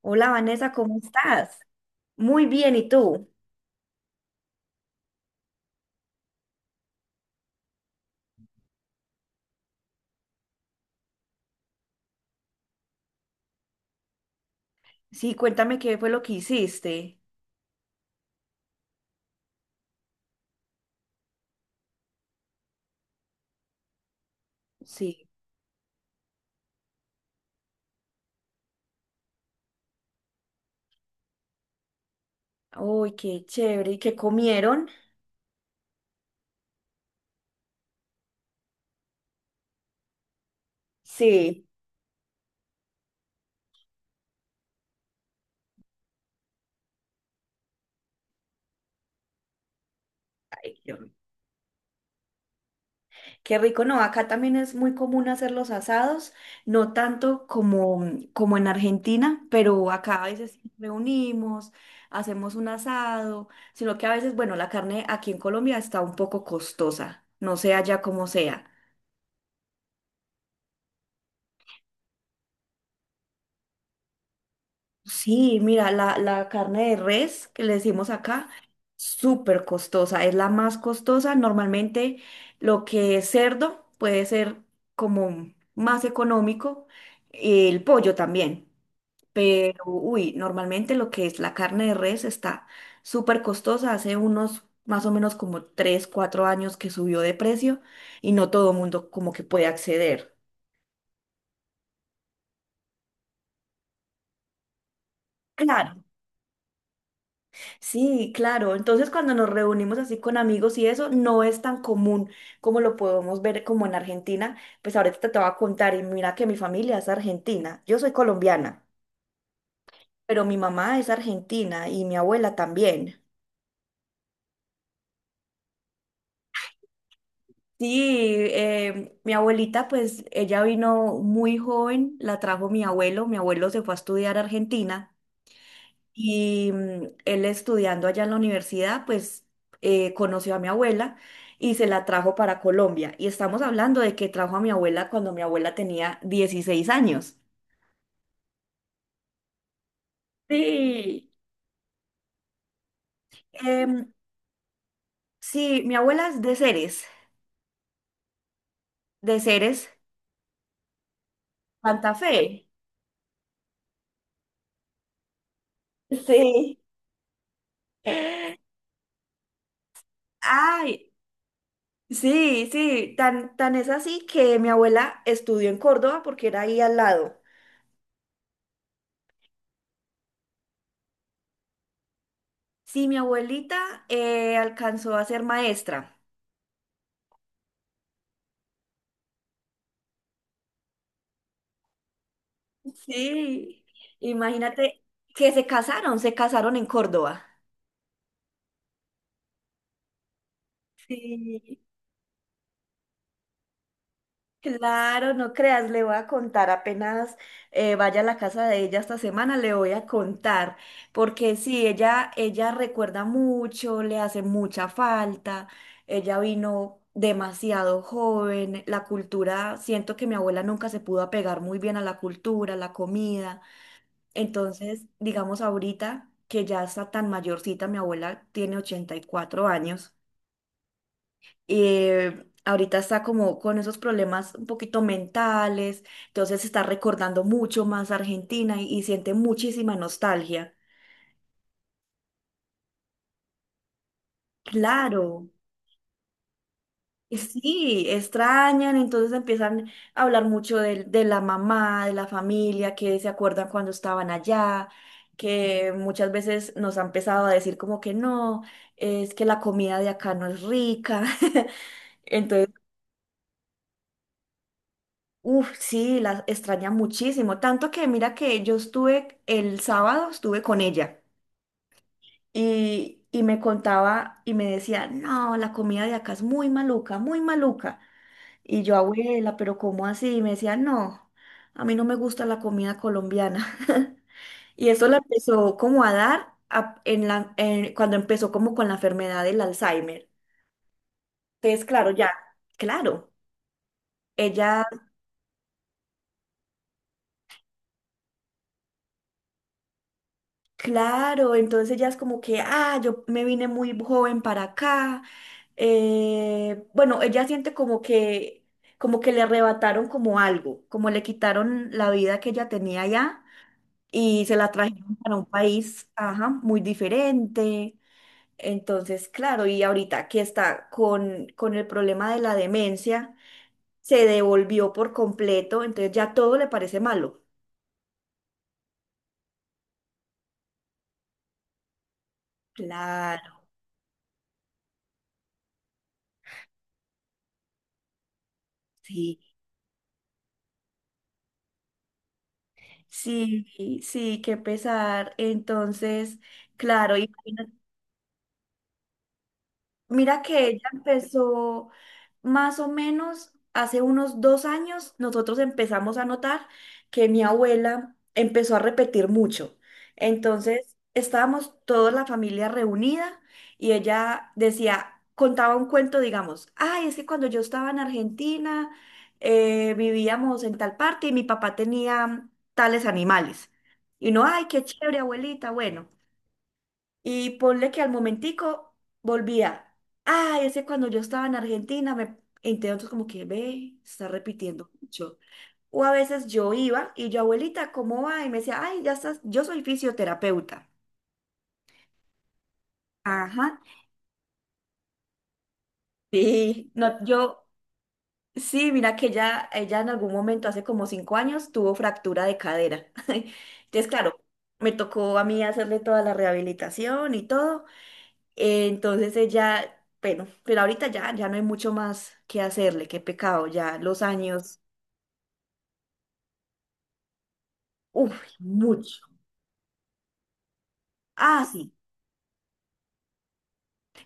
Hola Vanessa, ¿cómo estás? Muy bien, ¿y tú? Sí, cuéntame qué fue lo que hiciste. Sí. Uy, qué chévere. ¿Y qué comieron? Sí. Ay, qué rico, no, acá también es muy común hacer los asados, no tanto como en Argentina, pero acá a veces reunimos, hacemos un asado, sino que a veces, bueno, la carne aquí en Colombia está un poco costosa, no sé allá como sea. Sí, mira, la carne de res que le decimos acá, súper costosa, es la más costosa. Normalmente lo que es cerdo puede ser como más económico, el pollo también, pero uy, normalmente lo que es la carne de res está súper costosa. Hace unos más o menos como 3 4 años que subió de precio y no todo el mundo como que puede acceder. Claro. Sí, claro. Entonces, cuando nos reunimos así con amigos y eso, no es tan común como lo podemos ver como en Argentina. Pues ahorita te voy a contar, y mira que mi familia es argentina. Yo soy colombiana, pero mi mamá es argentina y mi abuela también. Sí, mi abuelita, pues ella vino muy joven, la trajo mi abuelo. Mi abuelo se fue a estudiar a Argentina. Y él estudiando allá en la universidad, pues conoció a mi abuela y se la trajo para Colombia. Y estamos hablando de que trajo a mi abuela cuando mi abuela tenía 16 años. Sí. Em, sí, mi abuela es de Ceres, Santa Fe. Sí. Ay, sí, sí, tan, tan es así que mi abuela estudió en Córdoba porque era ahí al lado. Sí, mi abuelita alcanzó a ser maestra. Sí, imagínate que se casaron en Córdoba. Sí, claro, no creas, le voy a contar apenas vaya a la casa de ella esta semana, le voy a contar, porque sí, ella recuerda mucho, le hace mucha falta, ella vino demasiado joven, la cultura, siento que mi abuela nunca se pudo apegar muy bien a la cultura, a la comida. Entonces, digamos ahorita que ya está tan mayorcita, mi abuela tiene 84 años, ahorita está como con esos problemas un poquito mentales, entonces está recordando mucho más Argentina y siente muchísima nostalgia. Claro, sí, extrañan, entonces empiezan a hablar mucho de la mamá, de la familia, que se acuerdan cuando estaban allá, que muchas veces nos han empezado a decir como que no, es que la comida de acá no es rica. Entonces, uff, sí, la extraña muchísimo. Tanto que mira que yo estuve, el sábado estuve con ella y me contaba y me decía, no, la comida de acá es muy maluca, muy maluca. Y yo, abuela, pero ¿cómo así? Y me decía, no, a mí no me gusta la comida colombiana. Y eso la empezó como a dar cuando empezó como con la enfermedad del Alzheimer. Entonces, claro, ya, claro. Ella, claro, entonces ella es como que, ah, yo me vine muy joven para acá. Bueno, ella siente como que le arrebataron como algo, como le quitaron la vida que ella tenía allá y se la trajeron para un país, ajá, muy diferente. Entonces, claro, y ahorita que está con el problema de la demencia, se devolvió por completo, entonces ya todo le parece malo. Claro, sí, sí, sí, qué pesar. Entonces, claro, y mira que ella empezó más o menos hace unos 2 años, nosotros empezamos a notar que mi abuela empezó a repetir mucho. Entonces, estábamos toda la familia reunida y ella decía, contaba un cuento, digamos, ay, es que cuando yo estaba en Argentina, vivíamos en tal parte y mi papá tenía tales animales. Y no, ay, qué chévere, abuelita, bueno. Y ponle que al momentico volvía. Ay, ese cuando yo estaba en Argentina, me entonces como que ve, está repitiendo mucho. O a veces yo iba y yo, abuelita, ¿cómo va? Y me decía, ay, ya estás, yo soy fisioterapeuta. Ajá. Sí, no, yo, sí, mira que ella en algún momento, hace como 5 años, tuvo fractura de cadera. Entonces, claro, me tocó a mí hacerle toda la rehabilitación y todo. Entonces ella, bueno, pero ahorita ya, ya no hay mucho más que hacerle, qué pecado, ya los años, uff, mucho. Ah, sí,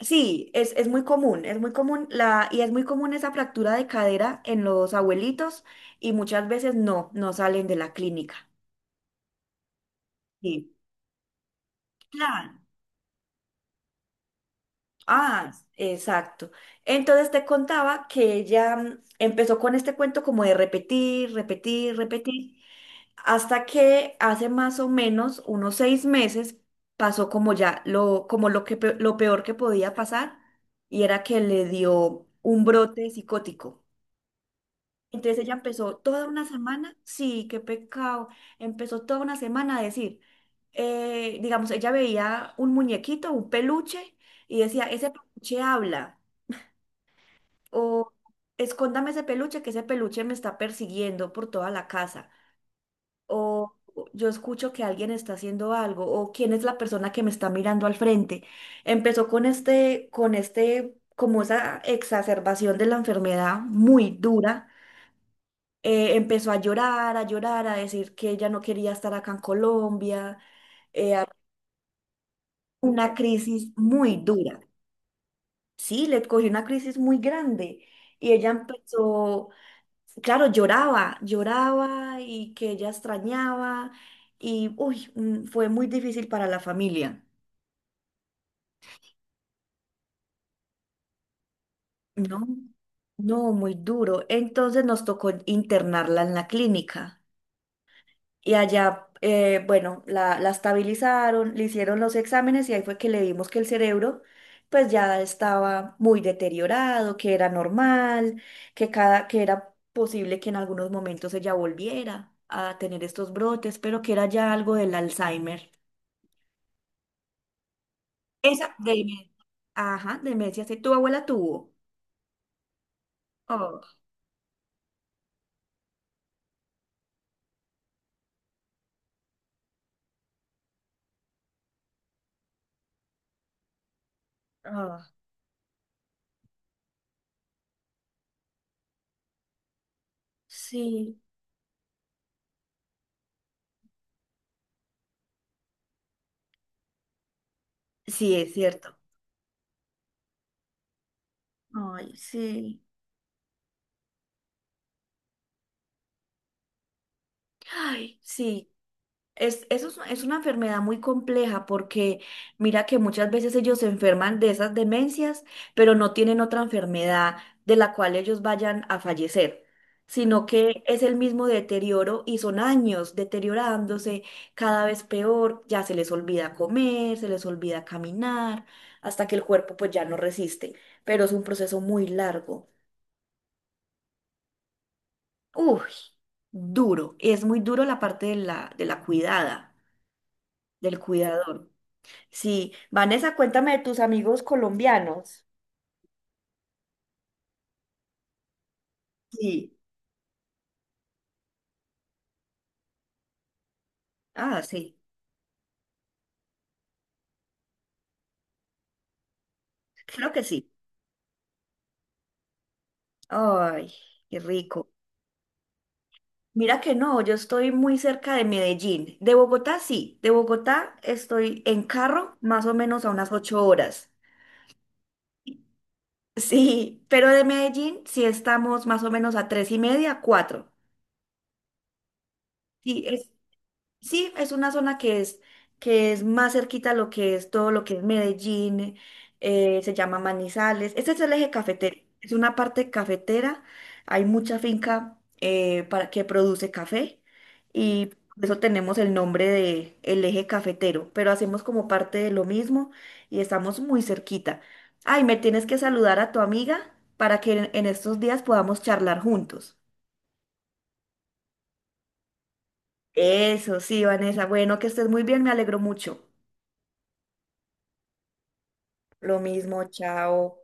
sí, es muy común la, y es muy común esa fractura de cadera en los abuelitos y muchas veces no, no salen de la clínica. Sí, claro. Ah, exacto. Entonces te contaba que ella empezó con este cuento como de repetir, repetir, repetir. Hasta que hace más o menos unos 6 meses pasó como ya lo, como lo que, pe- lo peor que podía pasar y era que le dio un brote psicótico. Entonces ella empezó toda una semana, sí, qué pecado, empezó toda una semana a decir, digamos, ella veía un muñequito, un peluche y decía, ese peluche habla o escóndame ese peluche, que ese peluche me está persiguiendo por toda la casa. O yo escucho que alguien está haciendo algo, o quién es la persona que me está mirando al frente. Empezó con este, como esa exacerbación de la enfermedad muy dura. Empezó a llorar, a llorar, a decir que ella no quería estar acá en Colombia, eh, a- una crisis muy dura. Sí, le cogió una crisis muy grande y ella empezó claro, lloraba, lloraba y que ella extrañaba y, uy, fue muy difícil para la familia, ¿no? No, muy duro. Entonces nos tocó internarla en la clínica. Y allá, bueno, la estabilizaron, le hicieron los exámenes y ahí fue que le vimos que el cerebro pues ya estaba muy deteriorado, que era normal, que, cada, que era posible que en algunos momentos ella volviera a tener estos brotes, pero que era ya algo del Alzheimer. Esa de demencia. Ajá, demencia, sí, tu abuela tuvo. Oh, oh, sí, sí, es cierto. Ay, sí. Ay, sí. Es, eso es una enfermedad muy compleja porque mira que muchas veces ellos se enferman de esas demencias, pero no tienen otra enfermedad de la cual ellos vayan a fallecer, sino que es el mismo deterioro y son años deteriorándose cada vez peor, ya se les olvida comer, se les olvida caminar, hasta que el cuerpo pues ya no resiste, pero es un proceso muy largo. Uy, duro, es muy duro la parte de la cuidada, del cuidador. Sí, Vanessa, cuéntame de tus amigos colombianos. Sí, ah, sí, creo que sí. Ay, qué rico. Mira que no, yo estoy muy cerca de Medellín. De Bogotá, sí. De Bogotá estoy en carro más o menos a unas 8 horas. Sí, pero de Medellín sí estamos más o menos a tres y media, cuatro. Sí, es, sí, es una zona que es, más cerquita a lo que es todo lo que es Medellín, se llama Manizales. Este es el eje cafetero, es una parte cafetera, hay mucha finca para, que produce café y por eso tenemos el nombre de el eje cafetero, pero hacemos como parte de lo mismo y estamos muy cerquita. Ay, me tienes que saludar a tu amiga para que en estos días podamos charlar juntos. Eso, sí, Vanessa. Bueno, que estés muy bien, me alegro mucho. Lo mismo, chao.